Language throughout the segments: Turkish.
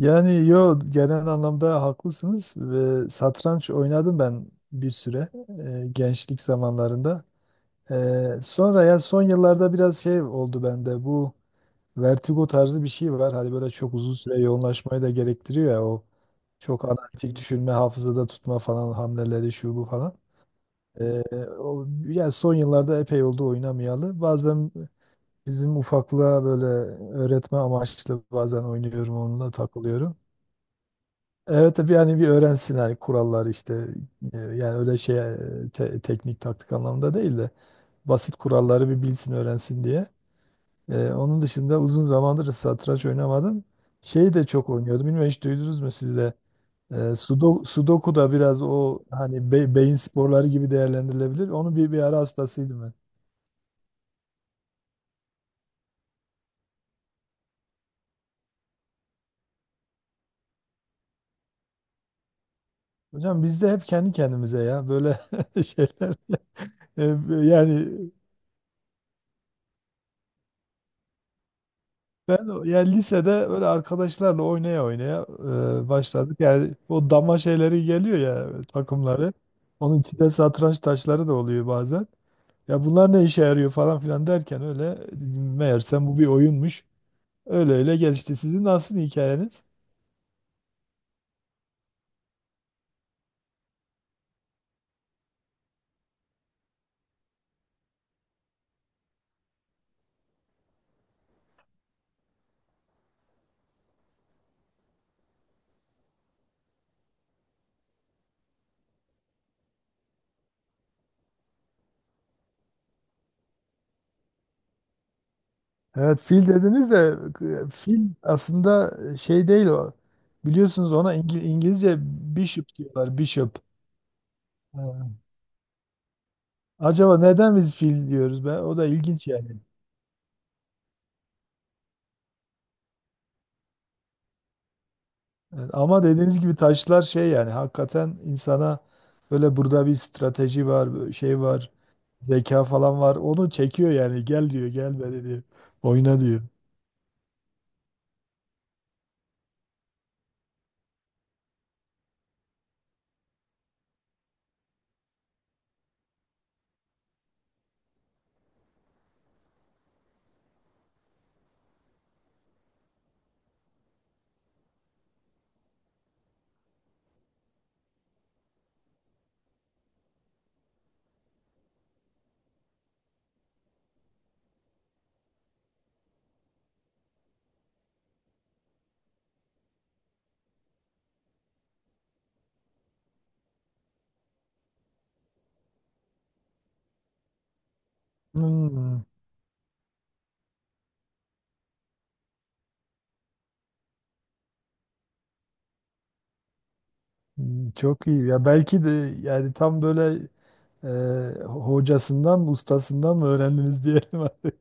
Yani genel anlamda haklısınız ve satranç oynadım ben bir süre gençlik zamanlarında. Sonra ya son yıllarda biraz şey oldu bende, bu vertigo tarzı bir şey var. Hani böyle çok uzun süre yoğunlaşmayı da gerektiriyor ya, o çok analitik düşünme, hafızada tutma falan, hamleleri şu bu falan. E, yani son yıllarda epey oldu oynamayalı. Bazen bizim ufaklığa böyle öğretme amaçlı bazen oynuyorum, onunla takılıyorum. Evet tabii, yani bir öğrensin hani, kurallar işte, yani öyle şey, teknik taktik anlamında değil de basit kuralları bir bilsin öğrensin diye. Onun dışında uzun zamandır satranç oynamadım. Şeyi de çok oynuyordum. Bilmiyorum hiç duydunuz mu siz de? Sudoku da biraz o hani beyin sporları gibi değerlendirilebilir. Onun bir ara hastasıydım ben. Hocam biz de hep kendi kendimize ya böyle şeyler. E, yani Ben yani lisede böyle arkadaşlarla oynaya oynaya başladık. Yani o dama şeyleri geliyor ya, takımları. Onun içinde satranç taşları da oluyor bazen. Ya bunlar ne işe yarıyor falan filan derken, öyle meğersem bu bir oyunmuş. Öyle öyle gelişti. Sizin nasıl hikayeniz? Evet, fil dediniz de fil aslında şey değil o. Biliyorsunuz ona İngilizce bishop diyorlar, bishop. Ha. Acaba neden biz fil diyoruz be? O da ilginç yani. Evet, ama dediğiniz gibi taşlar şey, yani hakikaten insana böyle burada bir strateji var, böyle şey var, zeka falan var. Onu çekiyor, yani gel diyor, gel be diyor. Oyna diyor. Hmm, hmm, çok iyi. Ya belki de yani tam böyle hocasından ustasından mı öğrendiniz diyelim artık.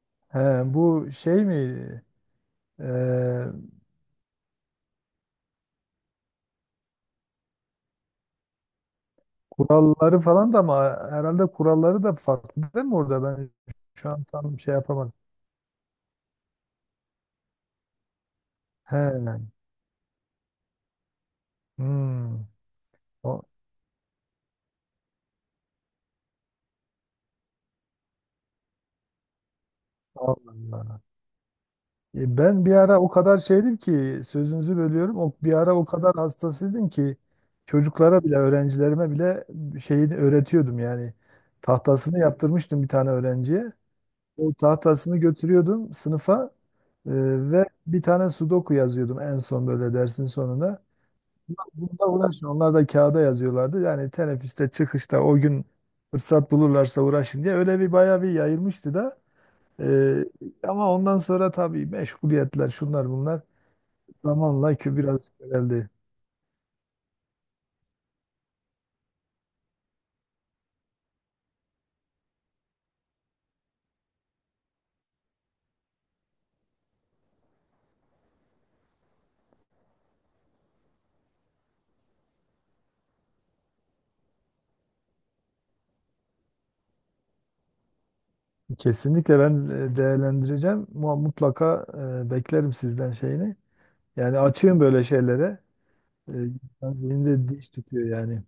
He, bu şey mi? E, Kuralları falan da ama herhalde kuralları da farklı değil mi orada? Ben şu an tam şey yapamadım. He. Hmm. O- Allah Allah. Ben bir ara o kadar şeydim ki, sözünüzü bölüyorum. O bir ara o kadar hastasıydım ki çocuklara bile, öğrencilerime bile şeyini öğretiyordum yani. Tahtasını yaptırmıştım bir tane öğrenciye. O tahtasını götürüyordum sınıfa, e, ve bir tane sudoku yazıyordum en son böyle dersin sonunda. Bununla uğraşın. Onlar da kağıda yazıyorlardı. Yani teneffüste, çıkışta, o gün fırsat bulurlarsa uğraşın diye, öyle bir bayağı bir yayılmıştı da. Ee, Ama ondan sonra tabii meşguliyetler, şunlar bunlar, zamanla ki biraz köreldi. Kesinlikle ben değerlendireceğim. Mutlaka beklerim sizden şeyini. Yani açığım böyle şeylere. İnsan zihninde diş tutuyor yani.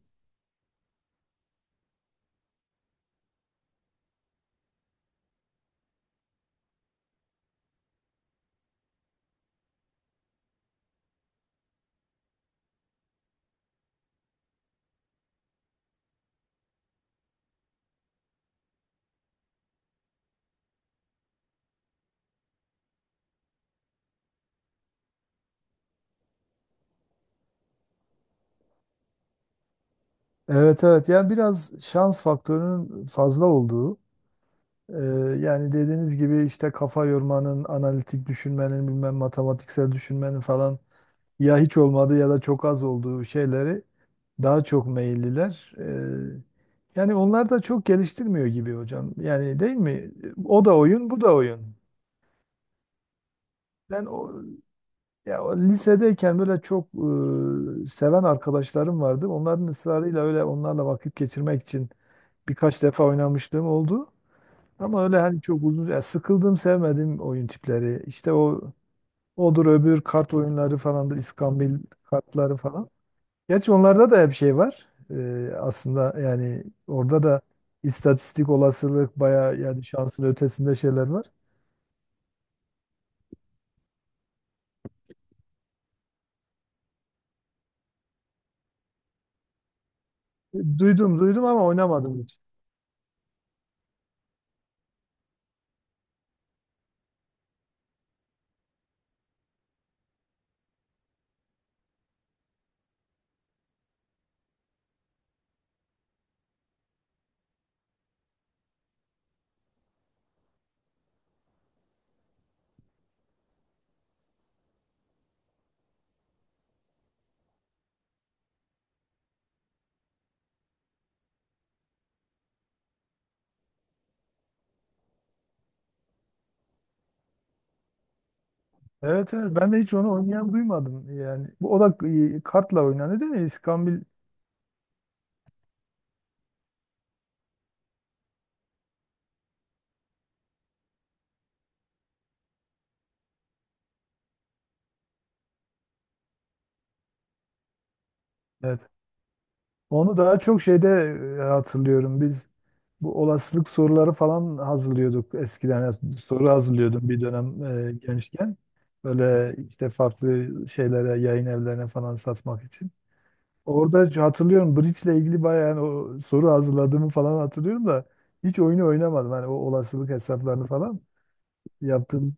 Evet evet, yani biraz şans faktörünün fazla olduğu, e, yani dediğiniz gibi işte kafa yormanın, analitik düşünmenin, bilmem matematiksel düşünmenin falan ya hiç olmadı ya da çok az olduğu şeyleri daha çok meyilliler. Yani onlar da çok geliştirmiyor gibi hocam. Yani değil mi? O da oyun, bu da oyun. Ben o, ya, o lisedeyken böyle çok seven arkadaşlarım vardı. Onların ısrarıyla öyle onlarla vakit geçirmek için birkaç defa oynamışlığım oldu. Ama öyle hani çok uzun, ya sıkıldım, sevmedim oyun tipleri. İşte o odur, öbür kart oyunları falandır, iskambil kartları falan. Gerçi onlarda da hep şey var. Aslında yani orada da istatistik olasılık bayağı, yani şansın ötesinde şeyler var. Duydum duydum ama oynamadım hiç. Evet evet, ben de hiç onu oynayan duymadım. Yani bu o da kartla oynanıyor değil mi? İskambil evet. Onu daha çok şeyde hatırlıyorum. Biz bu olasılık soruları falan hazırlıyorduk eskiden. Yani soru hazırlıyordum bir dönem gençken. Böyle işte farklı şeylere, yayın evlerine falan satmak için. Orada hatırlıyorum, Bridge ile ilgili bayağı, yani o soru hazırladığımı falan hatırlıyorum da hiç oyunu oynamadım. Hani o olasılık hesaplarını falan yaptığımız.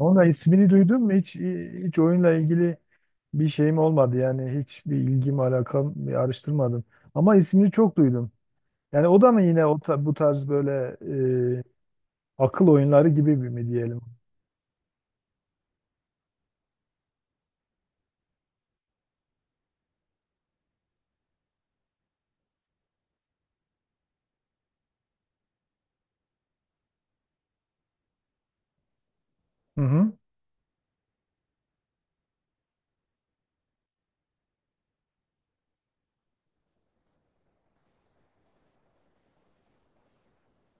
Onun ismini duydun mu? Hiç, hiç oyunla ilgili bir şeyim olmadı, yani hiçbir ilgim alakam, bir araştırmadım. Ama ismini çok duydum. Yani o da mı yine o bu tarz böyle e, akıl oyunları gibi bir mi diyelim? Hı hı.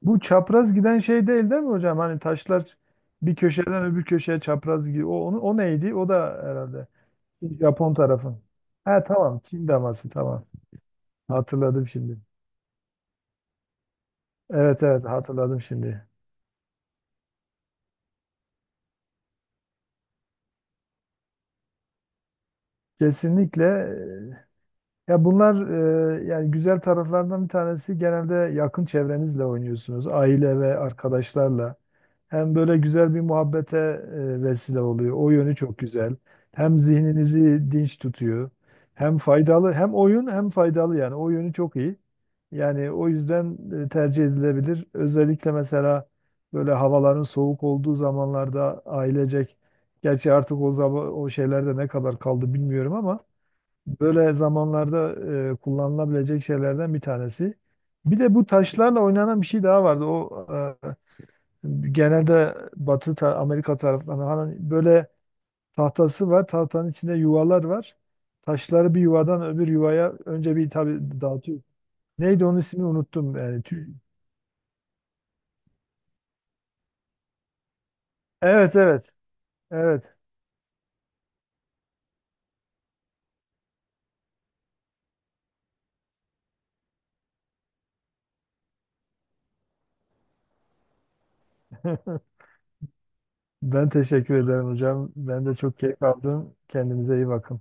Bu çapraz giden şey değil değil mi hocam? Hani taşlar bir köşeden öbür köşeye çapraz gidiyor. O, onu, o neydi? O da herhalde Japon tarafın. Ha tamam, Çin daması tamam. Hatırladım şimdi. Evet evet, hatırladım şimdi. Kesinlikle. Ya bunlar yani güzel taraflardan bir tanesi, genelde yakın çevrenizle oynuyorsunuz. Aile ve arkadaşlarla. Hem böyle güzel bir muhabbete vesile oluyor. O yönü çok güzel. Hem zihninizi dinç tutuyor. Hem faydalı, hem oyun, hem faydalı, yani o yönü çok iyi. Yani o yüzden tercih edilebilir. Özellikle mesela böyle havaların soğuk olduğu zamanlarda ailecek, gerçi artık o zaman o şeylerde ne kadar kaldı bilmiyorum ama böyle zamanlarda kullanılabilecek şeylerden bir tanesi. Bir de bu taşlarla oynanan bir şey daha vardı. O genelde Batı Amerika taraflarında, hani böyle tahtası var. Tahtanın içinde yuvalar var. Taşları bir yuvadan öbür yuvaya önce bir tabii dağıtıyor. Neydi, onun ismini unuttum. Yani evet evet. Evet. Ben teşekkür ederim hocam. Ben de çok keyif aldım. Kendinize iyi bakın.